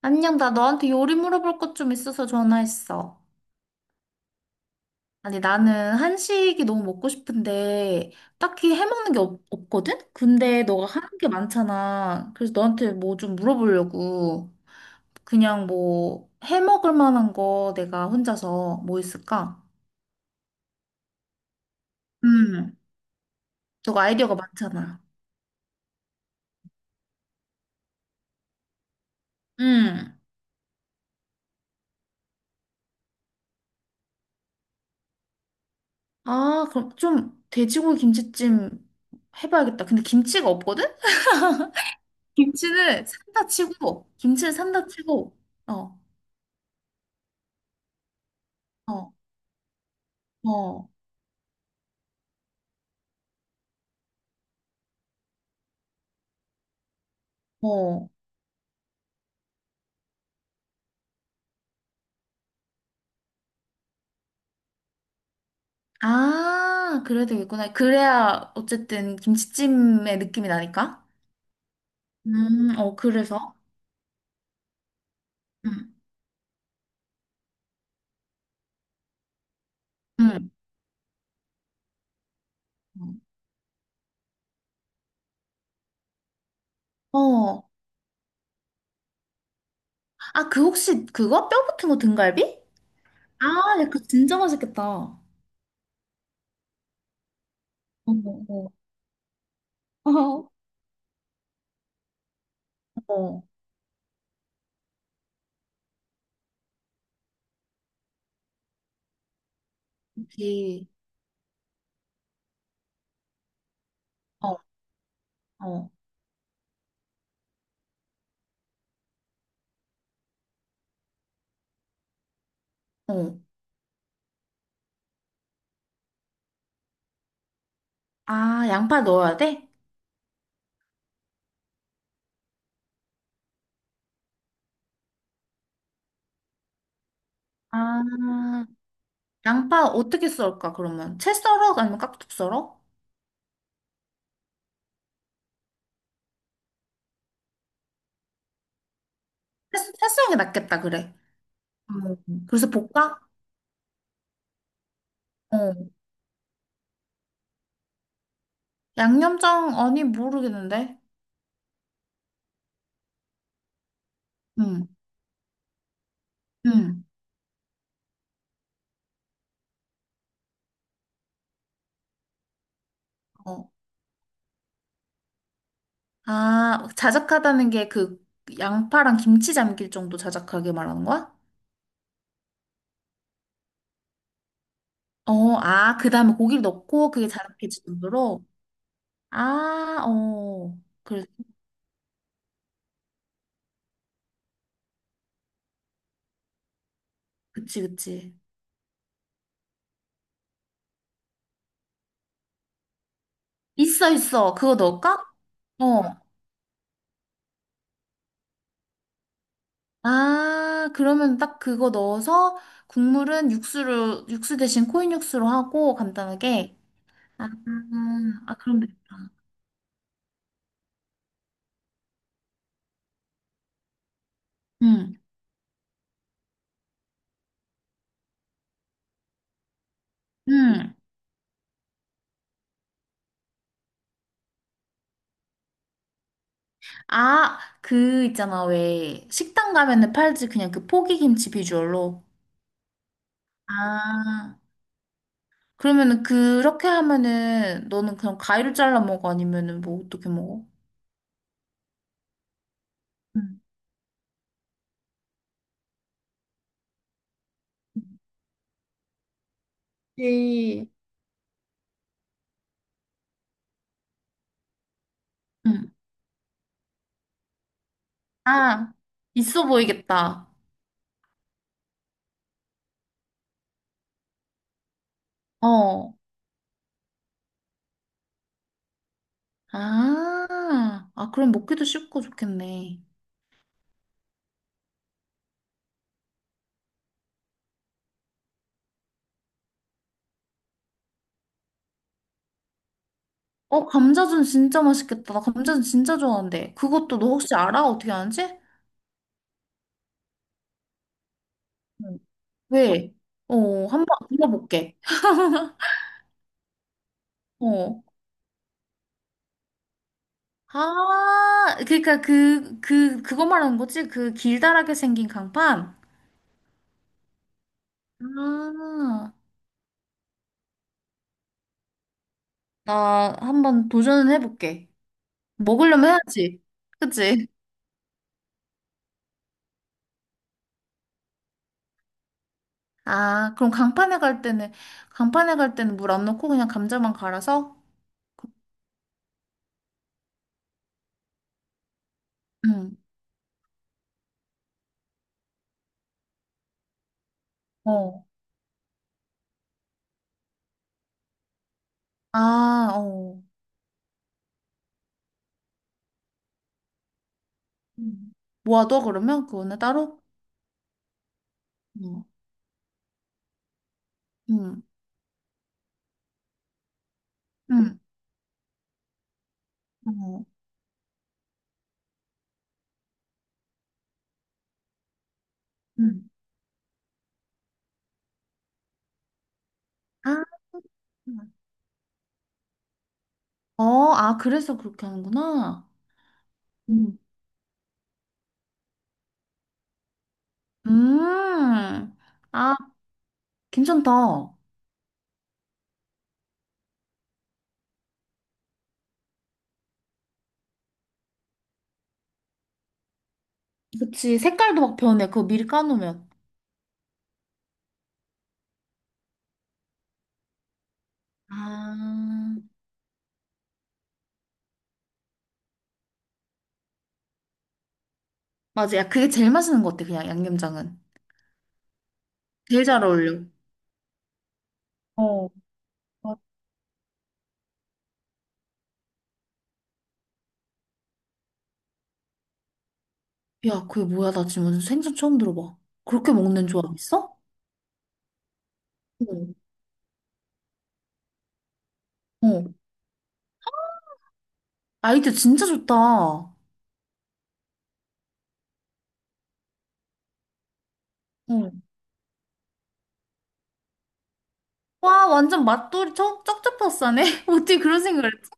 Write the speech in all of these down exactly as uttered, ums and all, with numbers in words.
안녕, 나 너한테 요리 물어볼 것 좀 있어서 전화했어. 아니, 나는 한식이 너무 먹고 싶은데, 딱히 해먹는 게 없, 없거든? 근데 너가 하는 게 많잖아. 그래서 너한테 뭐 좀 물어보려고. 그냥 뭐, 해먹을 만한 거 내가 혼자서 뭐 있을까? 음, 너가 아이디어가 많잖아. 음. 아, 그럼 좀 돼지고기 김치찜 해봐야겠다. 근데 김치가 없거든? 김치는 산다 치고, 김치는 산다 치고, 어. 어. 어, 어. 아, 그래야 되겠구나. 그래야 어쨌든 김치찜의 느낌이 나니까. 음, 어, 그래서. 음, 음. 어. 아, 그 혹시 그거? 뼈 붙은 거 등갈비? 아, 야 그거 진짜 맛있겠다. 어, 어, 어, 어. 그치. 어, 어, 어. 아, 양파 넣어야 돼? 아, 양파 어떻게 썰까, 그러면? 채 썰어? 아니면 깍둑 썰어? 채, 채 썰는 게 낫겠다, 그래. 음, 그래서 볶아? 어. 양념장 아니 모르겠는데. 응. 응. 어. 아, 자작하다는 게 그 양파랑 김치 잠길 정도 자작하게 말하는 거야? 어, 아, 그다음에 고기를 넣고 그게 자작해질 정도로. 아, 어. 그래. 그치, 그치. 있어, 있어. 그거 넣을까? 어. 아, 그러면 딱 그거 넣어서 국물은 육수로 육수 대신 코인 육수로 하고 간단하게. 아, 아, 그럼 됐다. 응. 응. 아, 그 있잖아. 왜 식당 가면은 팔지 그냥 그 포기김치 비주얼로. 아, 그러면은 그렇게 하면은 너는 그냥 가위로 잘라 먹어? 아니면은 뭐 어떻게 먹어? 응 이, 응. 아, 있어 보이겠다. 어. 아, 아, 그럼 먹기도 쉽고 좋겠네. 어, 감자전 진짜 맛있겠다. 나 감자전 진짜 좋아하는데. 그것도 너 혹시 알아? 어떻게 하는지? 응 왜? 어, 한번 물어볼게. 어. 아, 그러니까 그, 그, 그거 말하는 거지? 그 길다랗게 생긴 강판? 아, 나 한번 도전은 해볼게. 먹으려면 해야지. 그치? 아, 그럼 강판에 갈 때는, 강판에 갈 때는 물 안 넣고 그냥 감자만 갈아서? 응. 어. 아, 어. 음. 모아둬, 그러면? 그거는 따로? 어. 응. 응. 어. 응. 아, 어, 아, 그래서 그렇게 하는구나. 음. 음. 아. 괜찮다. 그치. 색깔도 막 변해. 그거 미리 까놓으면. 아, 맞아. 야, 그게 제일 맛있는 것 같아. 그냥 양념장은. 제일 잘 어울려. 어, 맞- 야, 그게 뭐야? 나 지금 완전 생선 처음 들어봐. 그렇게 먹는 조합 있어? 응, 어. 아이디어 진짜 좋다. 응 와, 응. 완전 맛돌이 쩍, 쩍쩍 었싸네 어떻게 그런 생각을 했지?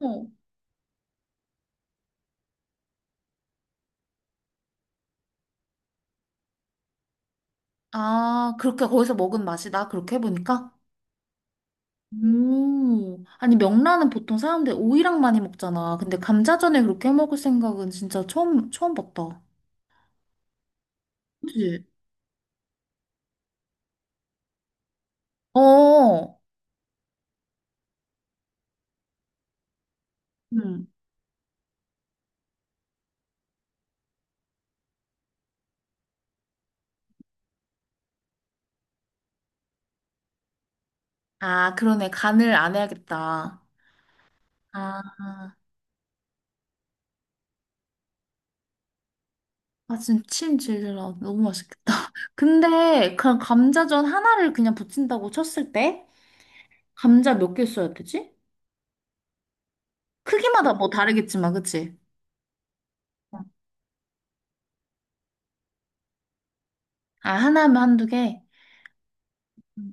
어. 아, 그렇게 거기서 먹은 맛이다. 그렇게 해보니까? 음. 아니, 명란은 보통 사람들 오이랑 많이 먹잖아. 근데 감자전에 그렇게 해 먹을 생각은 진짜 처음, 처음 봤다. 그치? 어. 응. 아, 그러네. 간을 안 해야겠다. 아, 아 지금 침 질질 나. 너무 맛있겠다. 근데 그냥 감자전 하나를 그냥 부친다고 쳤을 때 감자 몇 개 써야 되지? 크기마다 뭐 다르겠지만, 그치? 어. 아, 하나면 한두 개? 응.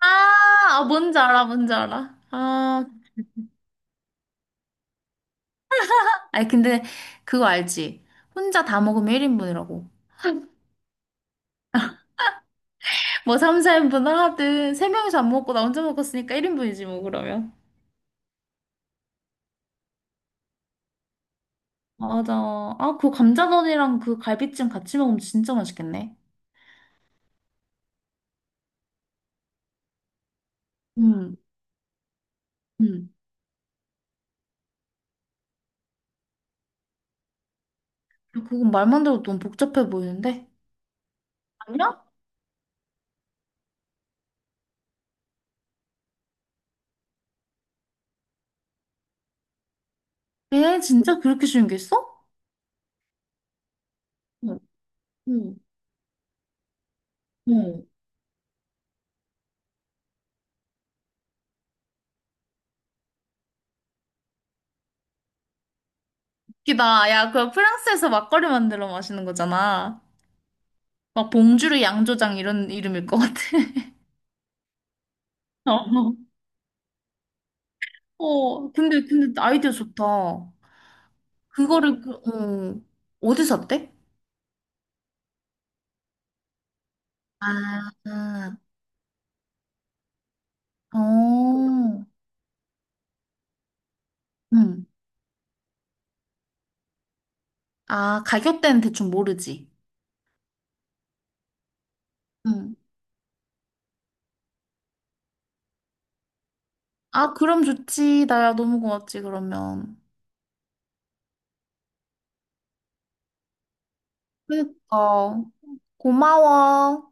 아, 아, 뭔지 알아, 뭔지 알아. 아, 아니, 근데 그거 알지? 혼자 다 먹으면 일 인분이라고. 뭐 삼, 사 인분을 하든, 세 명이서 안 먹고 나 혼자 먹었으니까 일 인분이지, 뭐, 그러면. 맞아. 아, 그 감자전이랑 그 갈비찜 같이 먹으면 진짜 맛있겠네. 음, 음. 그건 말만 들어도 너무 복잡해 보이는데? 아니야? 에, 진짜 그렇게 쉬운 게 있어? 응, 응, 응. 웃기다. 야, 그거 프랑스에서 막걸리 만들어 마시는 거잖아. 막 봉주르 양조장 이런 이름일 것 같아. 어, 어, 근데, 근데 아이디어 좋다. 그거를 그, 어, 어디서 샀대? 아, 어, 응. 아, 가격대는 대충 모르지. 응. 아, 그럼 좋지. 나야 너무 고맙지, 그러면. 그니까. 고마워.